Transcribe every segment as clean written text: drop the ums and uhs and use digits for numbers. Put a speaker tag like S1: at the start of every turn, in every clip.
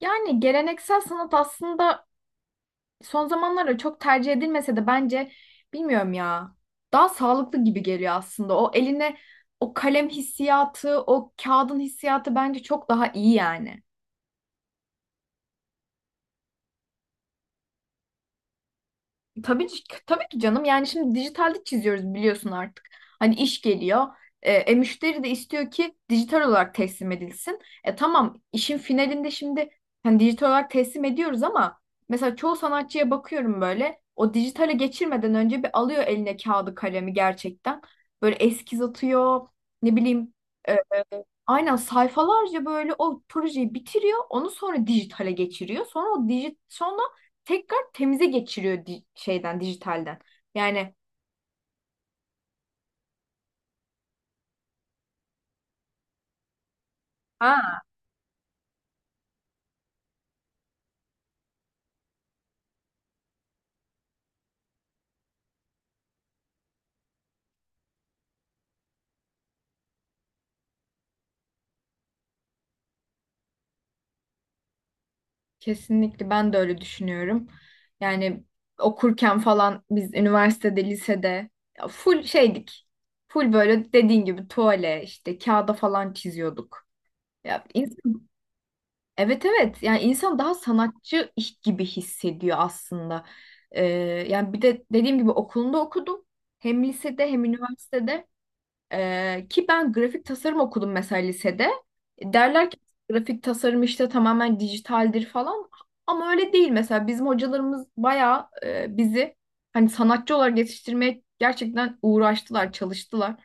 S1: Yani geleneksel sanat aslında son zamanlarda çok tercih edilmese de bence bilmiyorum ya. Daha sağlıklı gibi geliyor aslında. O eline o kalem hissiyatı, o kağıdın hissiyatı bence çok daha iyi yani. Tabii, tabii ki canım. Yani şimdi dijitalde çiziyoruz biliyorsun artık. Hani iş geliyor. Müşteri de istiyor ki dijital olarak teslim edilsin. E tamam, işin finalinde şimdi hani dijital olarak teslim ediyoruz ama mesela çoğu sanatçıya bakıyorum, böyle o dijitale geçirmeden önce bir alıyor eline kağıdı kalemi gerçekten. Böyle eskiz atıyor, ne bileyim e, Aynen sayfalarca böyle o projeyi bitiriyor. Onu sonra dijitale geçiriyor. Sonra o dijit sonra tekrar temize geçiriyor şeyden, dijitalden. Yani ha, kesinlikle ben de öyle düşünüyorum. Yani okurken falan biz üniversitede, lisede ya full şeydik. Full böyle dediğin gibi tuvale işte kağıda falan çiziyorduk. Ya, evet evet, yani insan daha sanatçı iş gibi hissediyor aslında. Ee, Yani bir de dediğim gibi okulunda okudum. Hem lisede hem üniversitede. Ki ben grafik tasarım okudum mesela lisede. Derler ki grafik tasarım işte tamamen dijitaldir falan. Ama öyle değil. Mesela bizim hocalarımız bayağı, bizi hani sanatçı olarak yetiştirmeye gerçekten uğraştılar, çalıştılar.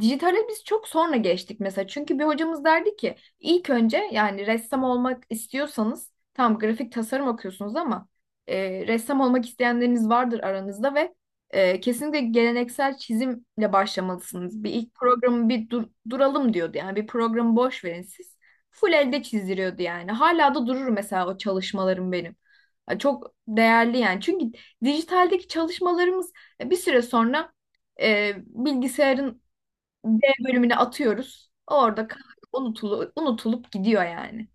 S1: Dijitale biz çok sonra geçtik mesela. Çünkü bir hocamız derdi ki ilk önce, yani ressam olmak istiyorsanız, tam grafik tasarım okuyorsunuz ama ressam olmak isteyenleriniz vardır aranızda ve kesinlikle geleneksel çizimle başlamalısınız. Bir ilk programı bir duralım diyordu. Yani bir programı boş verin siz. Full elde çizdiriyordu yani. Hala da durur mesela o çalışmalarım benim. Ya, çok değerli yani. Çünkü dijitaldeki çalışmalarımız bir süre sonra bilgisayarın B bölümüne atıyoruz. Orada unutulup gidiyor yani.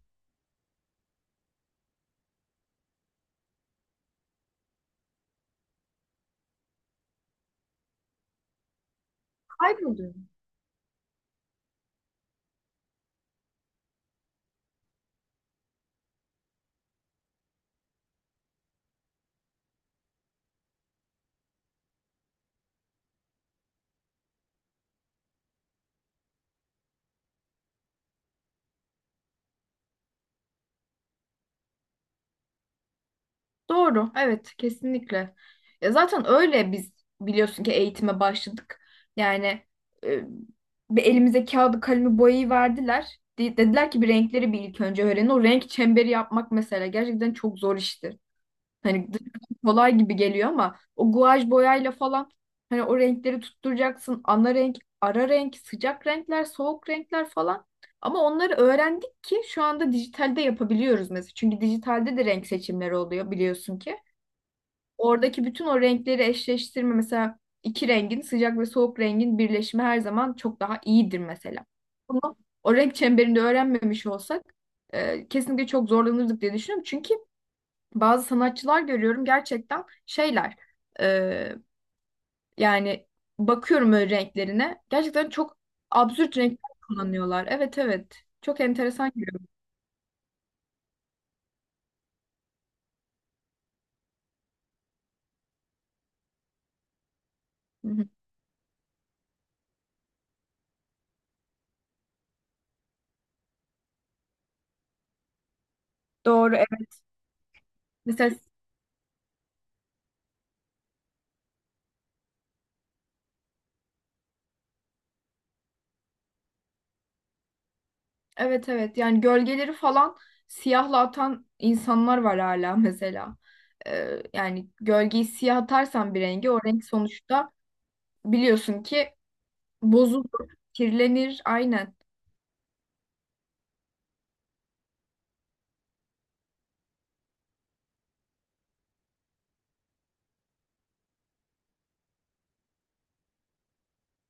S1: Kayboluyor. Doğru. Evet, kesinlikle. Ya zaten öyle biz, biliyorsun ki eğitime başladık. Yani, e, bir elimize kağıdı, kalemi, boyayı verdiler. Dediler ki bir renkleri bir ilk önce öğrenin. O renk çemberi yapmak mesela gerçekten çok zor işti. Hani dışarıdan kolay gibi geliyor ama o guaj boyayla falan hani o renkleri tutturacaksın. Ana renk, ara renk, sıcak renkler, soğuk renkler falan. Ama onları öğrendik ki şu anda dijitalde yapabiliyoruz mesela. Çünkü dijitalde de renk seçimleri oluyor biliyorsun ki. Oradaki bütün o renkleri eşleştirme, mesela iki rengin, sıcak ve soğuk rengin birleşimi her zaman çok daha iyidir mesela. Bunu o renk çemberinde öğrenmemiş olsak, kesinlikle çok zorlanırdık diye düşünüyorum. Çünkü bazı sanatçılar görüyorum gerçekten, şeyler e, yani bakıyorum öyle renklerine, gerçekten çok absürt renkler kullanıyorlar. Evet evet, çok enteresan görüyorum. Hı hı. Doğru, evet. Mesela evet evet, yani gölgeleri falan siyahla atan insanlar var hala mesela. Yani gölgeyi siyah atarsan bir rengi, o renk sonuçta, biliyorsun ki bozulur, kirlenir aynen.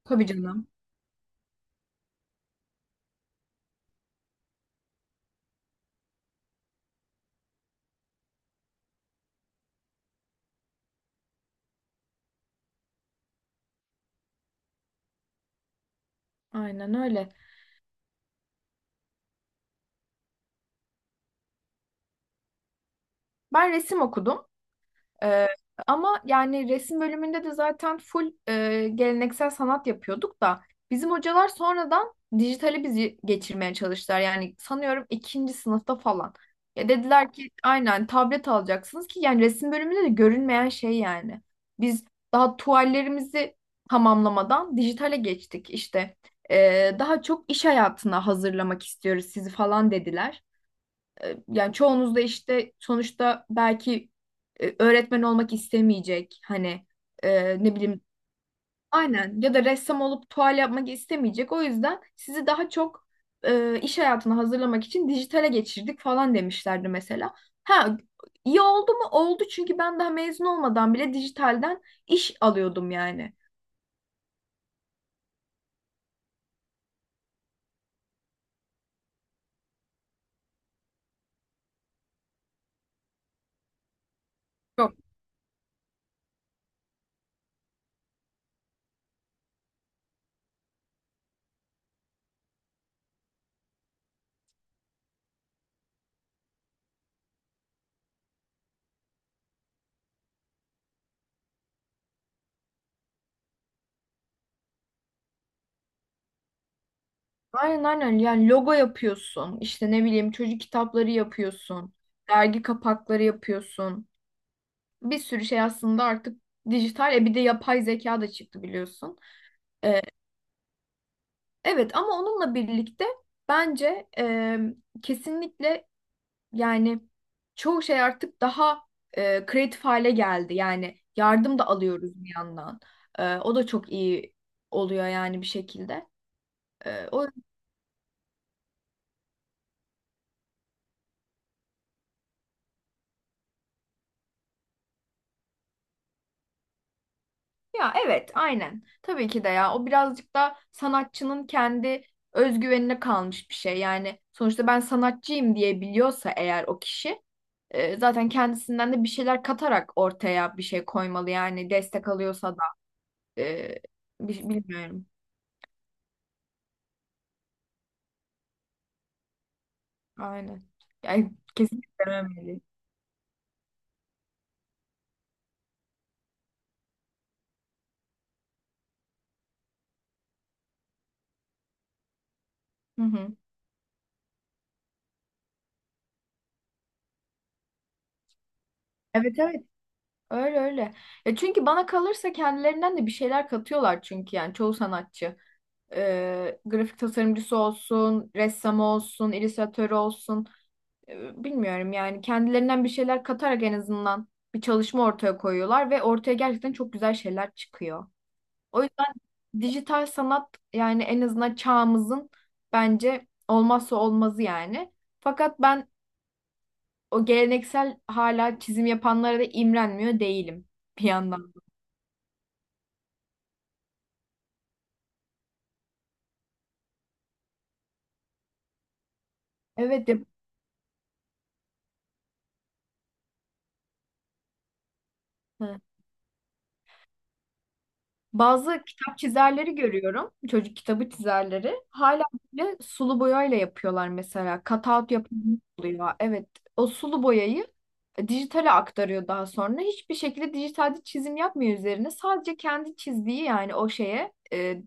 S1: Tabii canım. Aynen öyle. Ben resim okudum. Ee, Ama yani resim bölümünde de zaten full, geleneksel sanat yapıyorduk da bizim hocalar sonradan dijitali bizi geçirmeye çalıştılar. Yani sanıyorum ikinci sınıfta falan. Ya dediler ki aynen, tablet alacaksınız ki, yani resim bölümünde de görünmeyen şey yani. Biz daha tuvallerimizi tamamlamadan dijitale geçtik işte. Daha çok iş hayatına hazırlamak istiyoruz sizi falan dediler. Yani çoğunuz da işte sonuçta belki öğretmen olmak istemeyecek. Hani, ne bileyim, aynen, ya da ressam olup tuval yapmak istemeyecek. O yüzden sizi daha çok iş hayatına hazırlamak için dijitale geçirdik falan demişlerdi mesela. Ha, iyi oldu mu? Oldu, çünkü ben daha mezun olmadan bile dijitalden iş alıyordum yani. Yok. Aynen aynen, yani logo yapıyorsun, işte ne bileyim çocuk kitapları yapıyorsun, dergi kapakları yapıyorsun, bir sürü şey aslında artık dijital. E bir de yapay zeka da çıktı biliyorsun. E, evet, ama onunla birlikte bence, kesinlikle yani çoğu şey artık daha kreatif hale geldi. Yani yardım da alıyoruz bir yandan. O da çok iyi oluyor yani bir şekilde. E, o Ya evet aynen. Tabii ki de, ya o birazcık da sanatçının kendi özgüvenine kalmış bir şey. Yani sonuçta ben sanatçıyım diye biliyorsa eğer o kişi, zaten kendisinden de bir şeyler katarak ortaya bir şey koymalı, yani destek alıyorsa da, E, bilmiyorum. Aynen. Yani kesinlikle vermemeli. Hı hı. Evet evet. Öyle öyle. Ya çünkü bana kalırsa kendilerinden de bir şeyler katıyorlar, çünkü yani çoğu sanatçı. Grafik tasarımcısı olsun, ressamı olsun, illüstratörü olsun. Bilmiyorum, yani kendilerinden bir şeyler katarak en azından bir çalışma ortaya koyuyorlar ve ortaya gerçekten çok güzel şeyler çıkıyor. O yüzden dijital sanat, yani en azından çağımızın bence olmazsa olmazı yani. Fakat ben o geleneksel hala çizim yapanlara da imrenmiyor değilim bir yandan. Evet, hı, bazı kitap çizerleri görüyorum. Çocuk kitabı çizerleri. Hala bile sulu boyayla yapıyorlar mesela. Cutout yapımı oluyor. Evet, o sulu boyayı dijitale aktarıyor daha sonra. Hiçbir şekilde dijitalde çizim yapmıyor üzerine. Sadece kendi çizdiği, yani o şeye,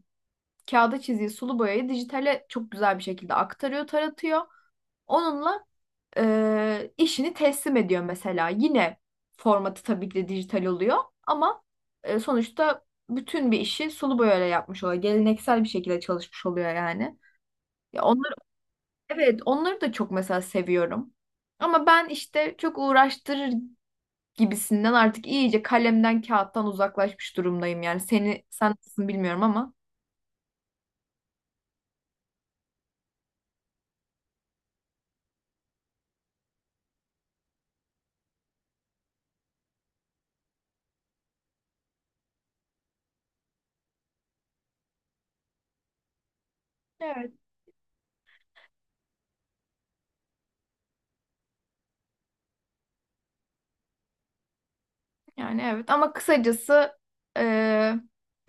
S1: kağıda çizdiği sulu boyayı dijitale çok güzel bir şekilde aktarıyor, taratıyor. Onunla işini teslim ediyor mesela. Yine formatı tabii ki de dijital oluyor ama sonuçta bütün bir işi sulu boyayla yapmış oluyor. Geleneksel bir şekilde çalışmış oluyor yani. Ya onları, evet, onları da çok mesela seviyorum. Ama ben işte çok uğraştırır gibisinden artık iyice kalemden kağıttan uzaklaşmış durumdayım yani. Sen nasılsın bilmiyorum ama. Evet. Yani evet, ama kısacası, e,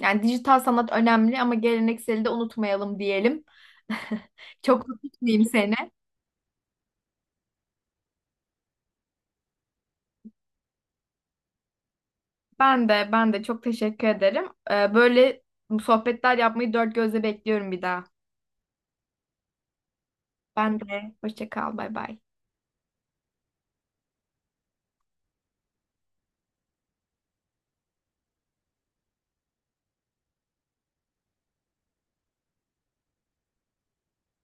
S1: yani dijital sanat önemli ama gelenekseli de unutmayalım diyelim. Çok da tutmayayım seni. Ben de, ben de çok teşekkür ederim. Böyle sohbetler yapmayı dört gözle bekliyorum bir daha. Ben de, hoşça kal, bay bay.